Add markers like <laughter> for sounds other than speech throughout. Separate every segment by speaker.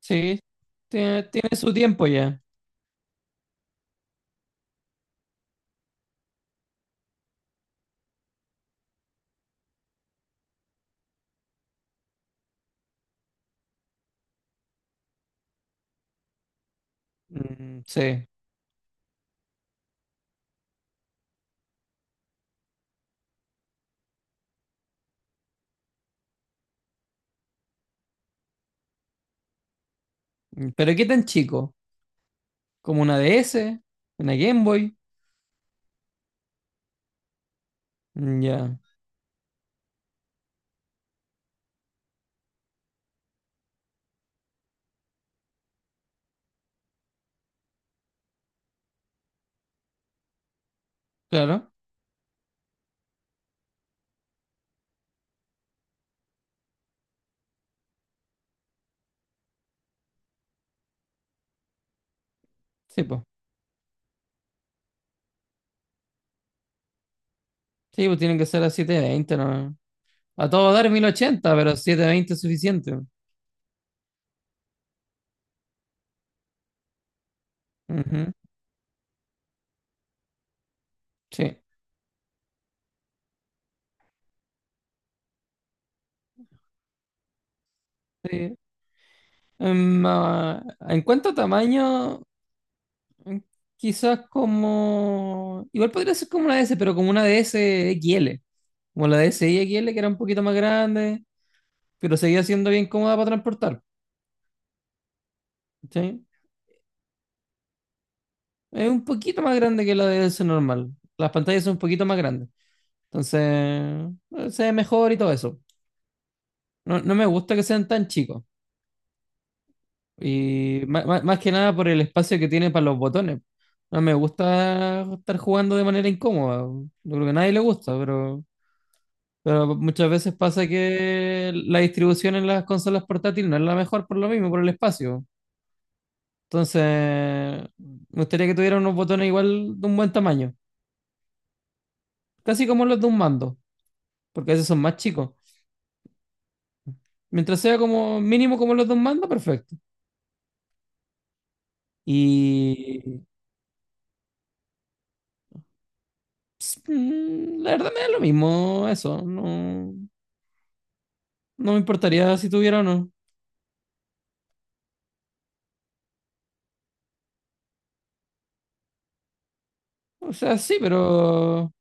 Speaker 1: Sí, tiene su tiempo ya. Mm, sí. Pero ¿qué tan chico? ¿Como una DS? ¿Una Game Boy? Mm, ya, claro. Sí, pues. Sí, pues tienen que ser a 720, ¿no? A todo dar 1080, pero 720 es suficiente. Ujú. Sí. Sí. Em, ah, en cuanto a tamaño, mm, quizás como igual podría ser como una DS, pero como una DS XL. Como la DSi XL, que era un poquito más grande, pero seguía siendo bien cómoda para transportar. Sí. Es un poquito más grande que la de ese normal. Las pantallas son un poquito más grandes. Entonces, se ve mejor y todo eso. No, no me gusta que sean tan chicos. Y más que nada por el espacio que tiene para los botones. No me gusta estar jugando de manera incómoda. Yo creo que a nadie le gusta, pero muchas veces pasa que la distribución en las consolas portátiles no es la mejor por lo mismo, por el espacio. Entonces, me gustaría que tuviera unos botones igual de un buen tamaño. Casi como los de un mando, porque a veces son más chicos. Mientras sea como mínimo como los dos mandos, perfecto. Y la verdad me da lo mismo eso, no, no me importaría si tuviera o no. O sea, sí, pero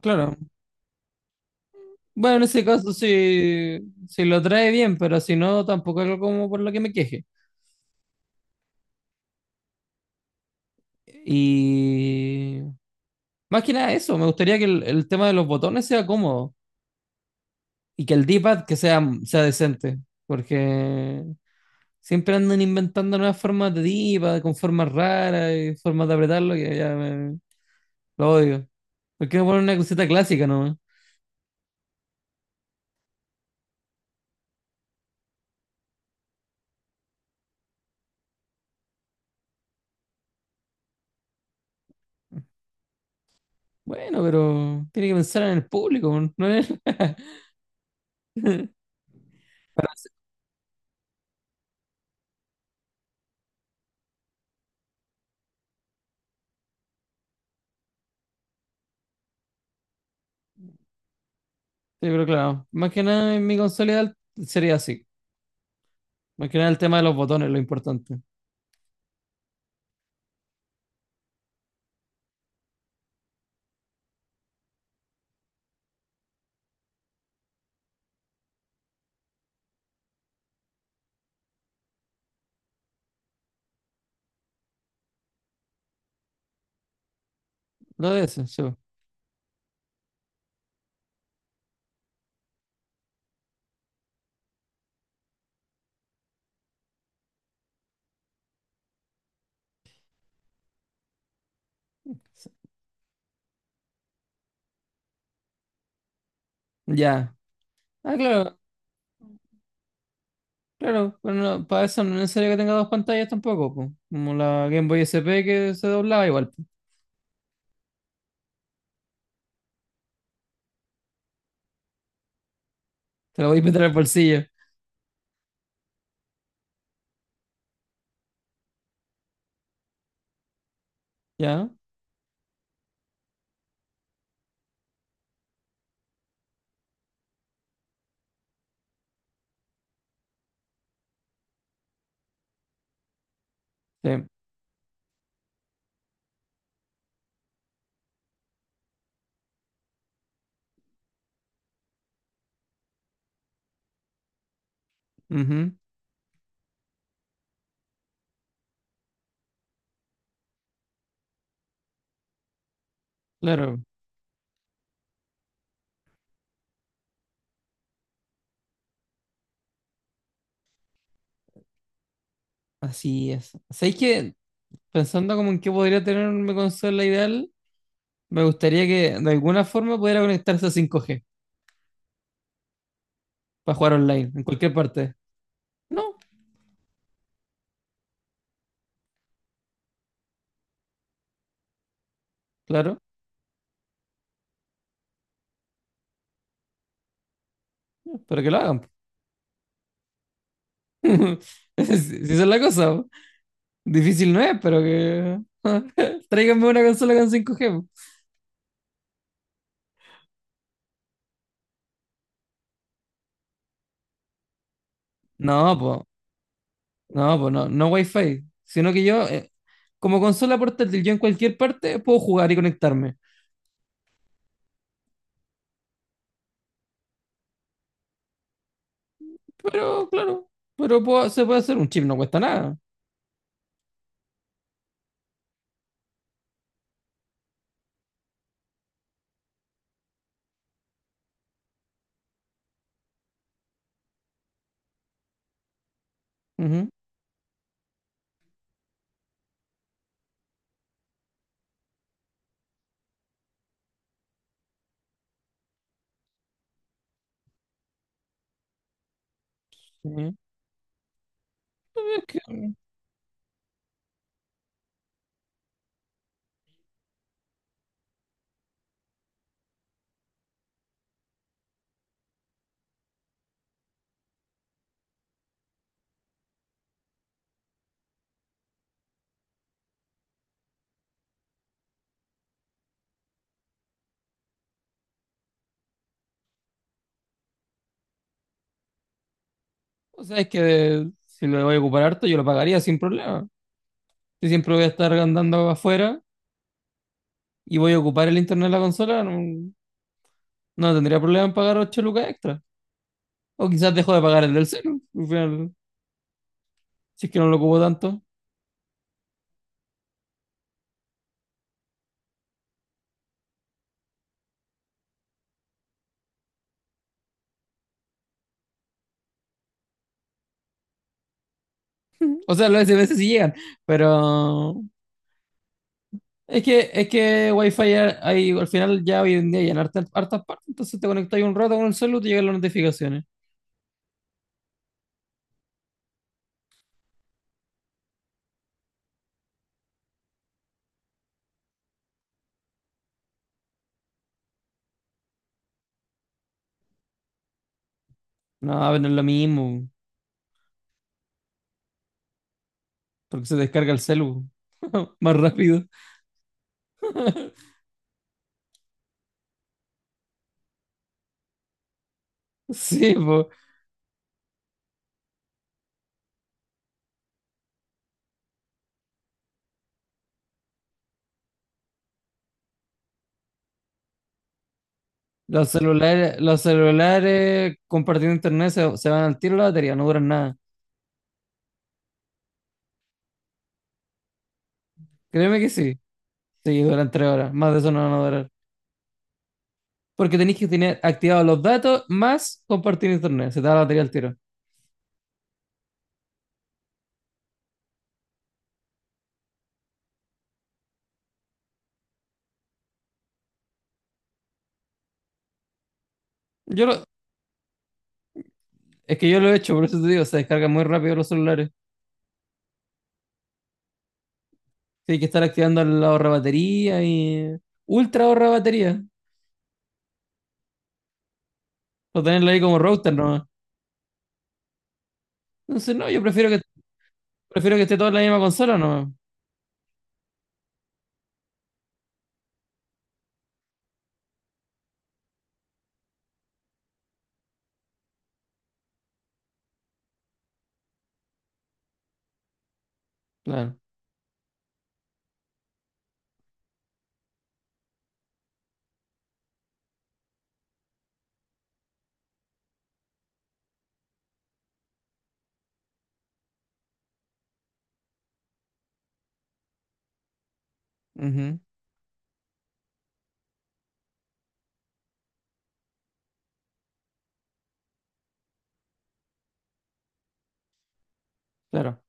Speaker 1: claro. Bueno, en ese caso sí, si lo trae bien, pero si no, tampoco es algo como por lo que me queje. Y más que nada eso, me gustaría que el tema de los botones sea cómodo, y que el D-pad que sea decente, porque siempre andan inventando nuevas formas de diva, con formas raras y formas de apretarlo, que ya lo odio. ¿Por qué no ponen una cosita clásica nomás? Bueno, pero tiene que pensar en el público, ¿no es? <laughs> Sí, pero claro, más que nada en mi consola ideal sería así. Más que nada el tema de los botones, lo importante. Lo de eso, sí. Ya. Ah, claro, claro. Pero no, para eso no es necesario que tenga dos pantallas tampoco, po. Como la Game Boy S P, que se doblaba igual, po. Te la voy a meter al bolsillo. Ya. Sí. Ujú. Claro. Así es. ¿Sabéis que, pensando como en qué podría tener una consola ideal, me gustaría que de alguna forma pudiera conectarse a 5G para jugar online en cualquier parte? No, claro, pero que lo hagan, po. <laughs> Si esa es la cosa, po. Difícil no es, pero que <laughs> tráiganme una consola con 5G, po. No, pues, no, pues no, no Wi-Fi, sino que yo como consola portátil yo en cualquier parte puedo jugar y conectarme. Pero claro, pero se puede hacer un chip, no cuesta nada. Ujú. Sí. O sea, es que si lo voy a ocupar harto, yo lo pagaría sin problema. Si siempre voy a estar andando afuera y voy a ocupar el internet de la consola, no no tendría problema en pagar 8 lucas extra. O quizás dejo de pagar el del celu, al final, si es que no lo ocupo tanto. O sea, las veces sí llegan, pero es que Wi-Fi ya hay, al final ya hoy en día hay en hartas, hartas partes, entonces te conectas un rato con el celu y te llegan las notificaciones. No, pero no es lo mismo, porque se descarga el celu <laughs> más rápido. Sí, po. Los celulares compartiendo internet se van al tiro la batería, no duran nada. Créeme que sí. Sí, duran 3 horas. Más de eso no van a durar. Porque tenéis que tener activados los datos más compartir internet. Se te va la batería al tiro. Yo lo- es que yo lo he hecho, por eso te digo, se descargan muy rápido los celulares. Sí, hay que estar activando la ahorra batería y ultra ahorra batería. O tenerlo ahí como router nomás. Entonces, no, yo prefiero que esté toda en la misma consola nomás. Claro. Ujú. Claro.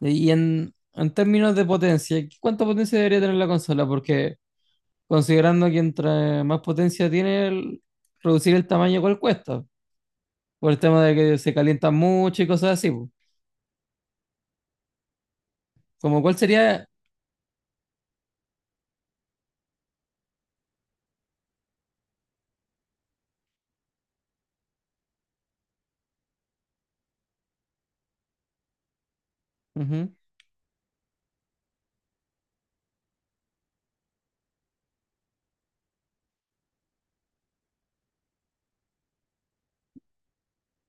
Speaker 1: Y en términos de potencia, ¿cuánta potencia debería tener la consola? Porque considerando que entre más potencia tiene, reducir el tamaño igual cuesta. Por el tema de que se calientan mucho y cosas así, po. Como cuál sería. Ujú,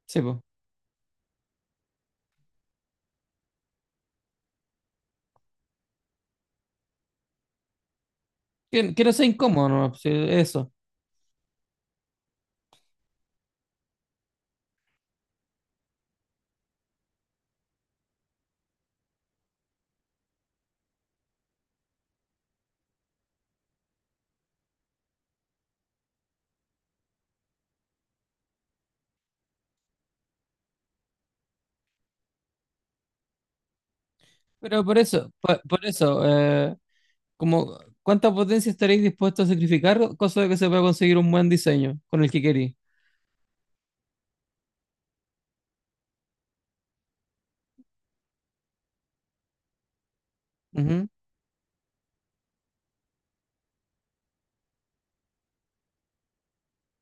Speaker 1: sí, po. Que no sea incómodo, ¿no? Sí, eso. Pero por eso, por eso, como, ¿cuánta potencia estaréis dispuestos a sacrificar? Cosa de que se pueda conseguir un buen diseño con el que queréis.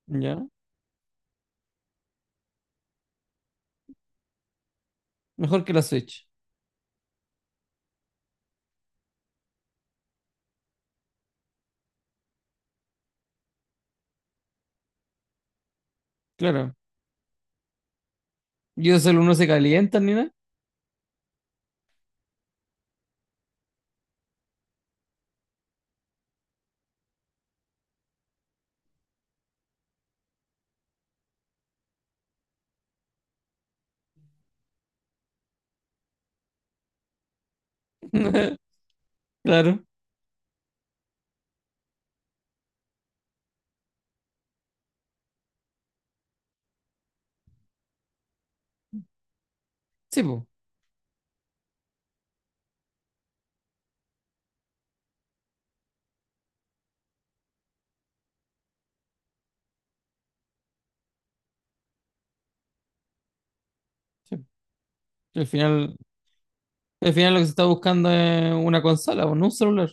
Speaker 1: Ujú, ya. Mejor que la Switch. Claro. Y esos alumnos se calienta ni nada. <laughs> Claro. Sí, pues. Al final, al final lo que se está buscando es una consola, o no un celular.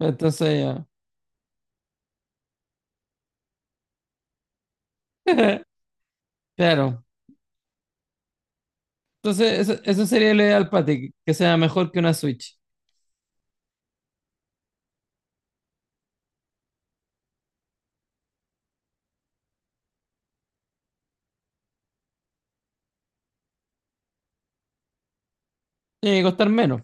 Speaker 1: Entonces, ya. <laughs> Claro. Entonces, eso sería el ideal para ti, que sea mejor que una Switch. Tiene que costar menos.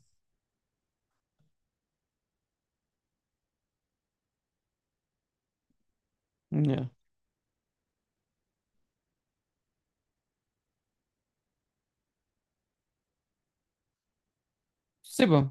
Speaker 1: Ya. Sí, pues.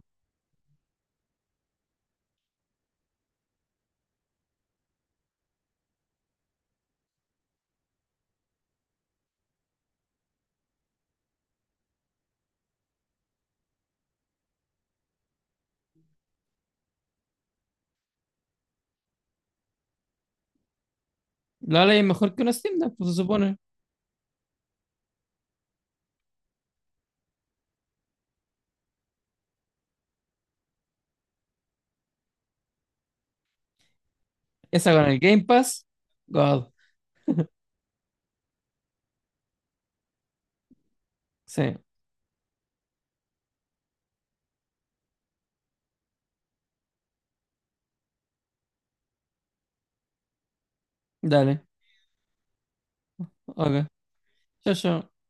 Speaker 1: La ley es mejor que una Steam Deck, pues se supone. Esa con el Game Pass. God. Sí. Dale. Ok. Chao, chao.